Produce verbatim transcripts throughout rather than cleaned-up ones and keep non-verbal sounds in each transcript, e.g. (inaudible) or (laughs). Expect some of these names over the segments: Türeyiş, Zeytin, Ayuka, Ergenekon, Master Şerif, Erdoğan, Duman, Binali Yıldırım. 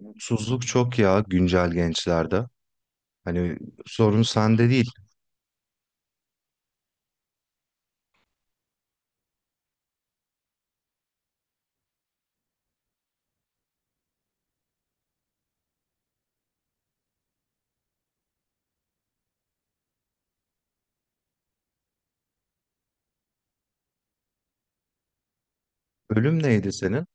Mutsuzluk çok ya güncel gençlerde. Hani sorun sende değil. Ölüm neydi senin?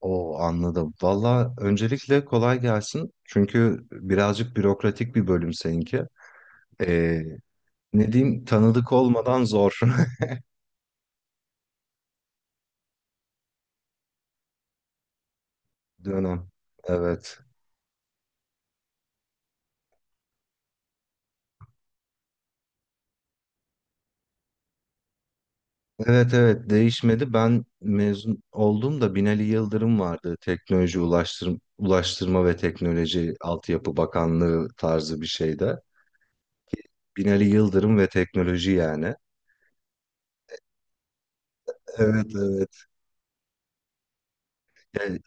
O anladım. Valla öncelikle kolay gelsin. Çünkü birazcık bürokratik bir bölüm seninki. Ee, Ne diyeyim, tanıdık olmadan zor (laughs) dönem. Evet. Evet evet, değişmedi. Ben mezun oldum da Binali Yıldırım vardı. Teknoloji Ulaştırma, Ulaştırma ve Teknoloji Altyapı Bakanlığı tarzı bir şeyde. Binali Yıldırım ve teknoloji yani. Evet evet. E,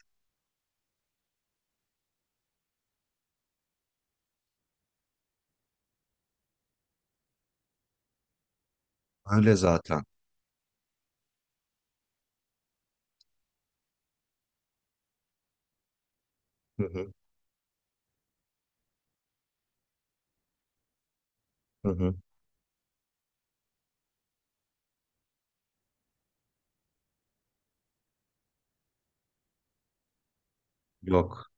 Öyle zaten. Hı hı, hı hı. Yok.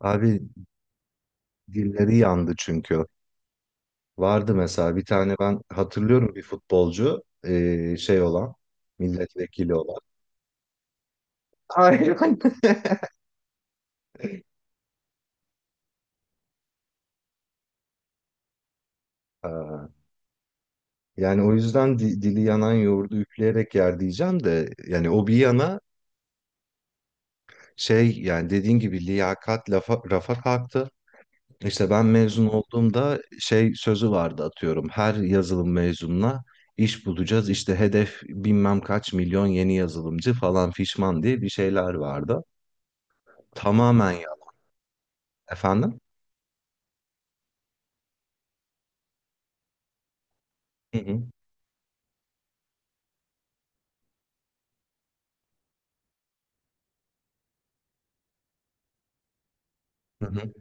Abi, dilleri yandı çünkü. Vardı mesela bir tane, ben hatırlıyorum, bir futbolcu e, şey olan, milletvekili olan. Aynen. (laughs) Ha, yani o yüzden di- dili yanan yoğurdu üfleyerek yer diyeceğim de, yani o bir yana, şey, yani dediğin gibi liyakat lafa, rafa kalktı. İşte ben mezun olduğumda şey sözü vardı, atıyorum. Her yazılım mezununa iş bulacağız. İşte hedef bilmem kaç milyon yeni yazılımcı falan fişman diye bir şeyler vardı. Tamamen ya. Efendim? Hı hı. Hı hı.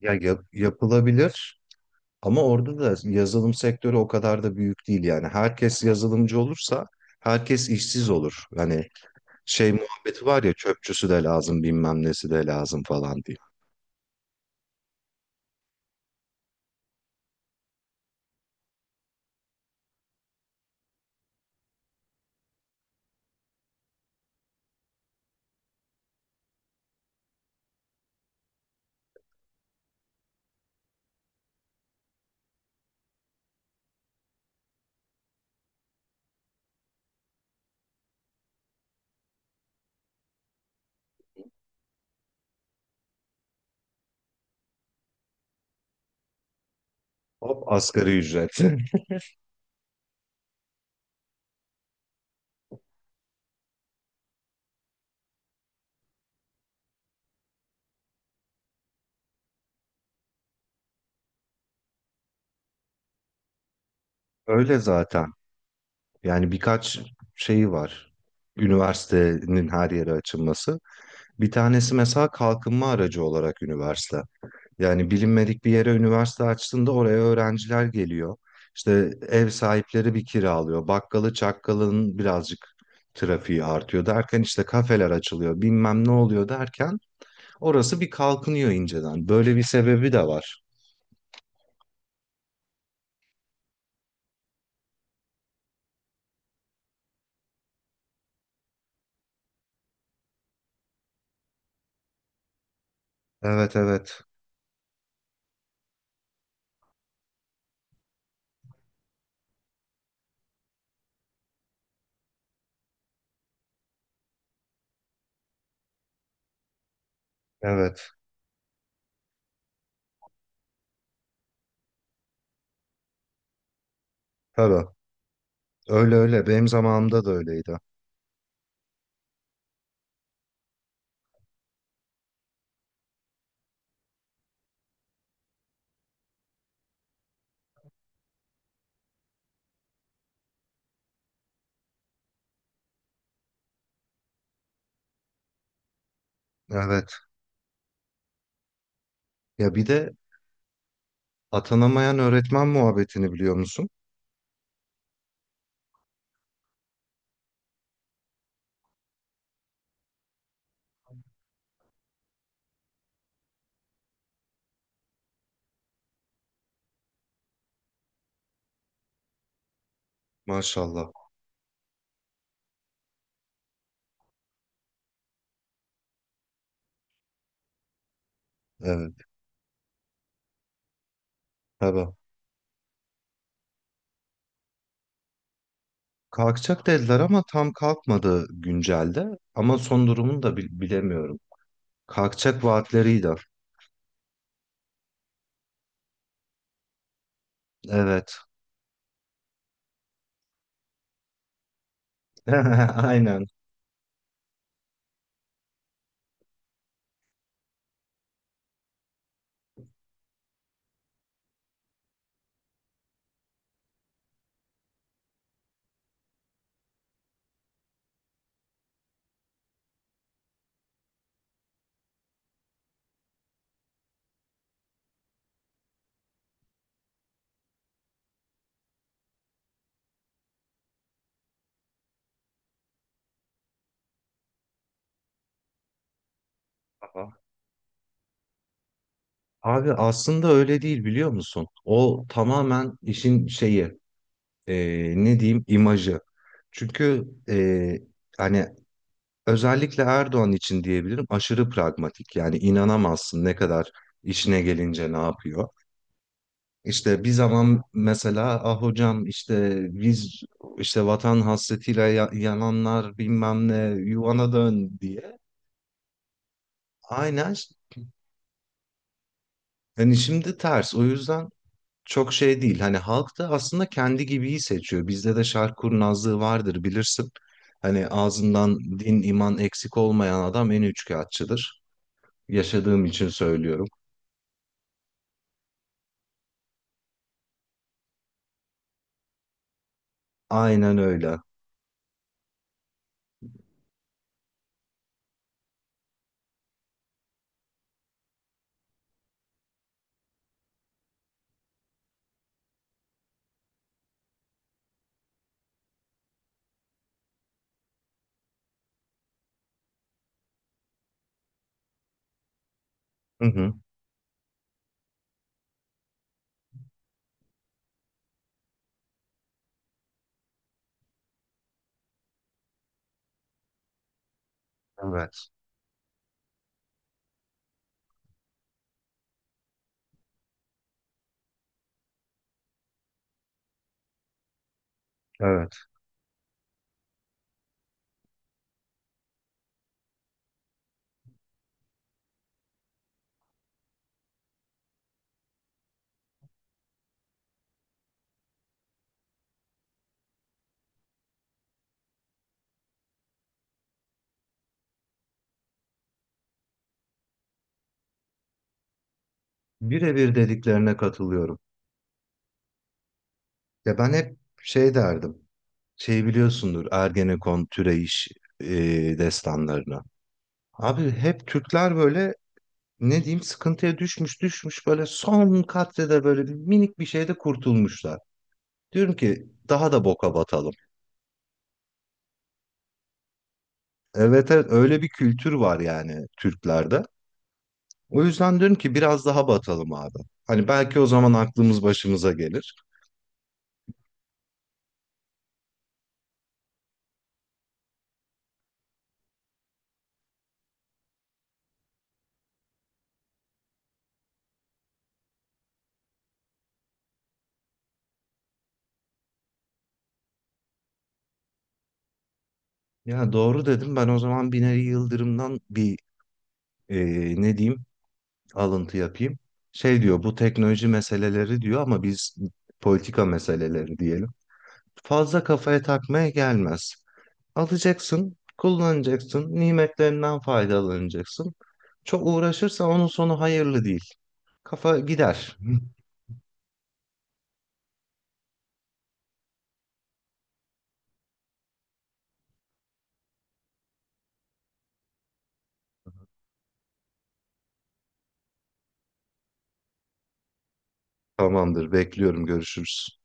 Ya yap- yapılabilir ama orada da yazılım sektörü o kadar da büyük değil yani. Herkes yazılımcı olursa herkes işsiz olur. Hani şey muhabbeti var ya, çöpçüsü de lazım bilmem nesi de lazım falan diye. Hop, asgari ücret. (laughs) Öyle zaten. Yani birkaç şeyi var. Üniversitenin her yere açılması. Bir tanesi mesela kalkınma aracı olarak üniversite. Yani bilinmedik bir yere üniversite açtığında oraya öğrenciler geliyor. İşte ev sahipleri bir kiralıyor. Bakkalı çakkalın birazcık trafiği artıyor derken işte kafeler açılıyor. Bilmem ne oluyor derken orası bir kalkınıyor inceden. Böyle bir sebebi de var. Evet evet. Evet. Tabii. Öyle öyle. Benim zamanımda da öyleydi. Evet. Ya bir de atanamayan öğretmen muhabbetini biliyor musun? Maşallah. Evet, tabii. Kalkacak dediler ama tam kalkmadı güncelde. Ama son durumunu da bil- bilemiyorum. Kalkacak vaatleriydi. Evet. (laughs) Aynen. Aha. Abi aslında öyle değil, biliyor musun? O tamamen işin şeyi, e, ne diyeyim, imajı. Çünkü e, hani özellikle Erdoğan için diyebilirim, aşırı pragmatik. Yani inanamazsın ne kadar işine gelince ne yapıyor. İşte bir zaman mesela ah hocam, işte biz işte vatan hasretiyle ya- yananlar bilmem ne, yuvana dön diye. Aynen, hani şimdi ters, o yüzden çok şey değil. Hani halk da aslında kendi gibiyi seçiyor. Bizde de şark kurnazlığı vardır, bilirsin. Hani ağzından din iman eksik olmayan adam en üçkağıtçıdır. Yaşadığım için söylüyorum. Aynen öyle. Hı hı. Evet. Evet. Birebir dediklerine katılıyorum. Ya ben hep şey derdim. Şey, biliyorsundur, Ergenekon, Türeyiş e, destanlarını. Abi hep Türkler böyle, ne diyeyim, sıkıntıya düşmüş düşmüş, böyle son katrede böyle bir minik bir şeyde kurtulmuşlar. Diyorum ki daha da boka batalım. Evet evet, öyle bir kültür var yani Türklerde. O yüzden diyorum ki biraz daha batalım abi. Hani belki o zaman aklımız başımıza gelir. Ya doğru dedim. Ben o zaman Binali Yıldırım'dan bir e, ne diyeyim, alıntı yapayım. Şey diyor, bu teknoloji meseleleri diyor, ama biz politika meseleleri diyelim. Fazla kafaya takmaya gelmez. Alacaksın, kullanacaksın, nimetlerinden faydalanacaksın. Çok uğraşırsan onun sonu hayırlı değil. Kafa gider. (laughs) Tamamdır, bekliyorum, görüşürüz.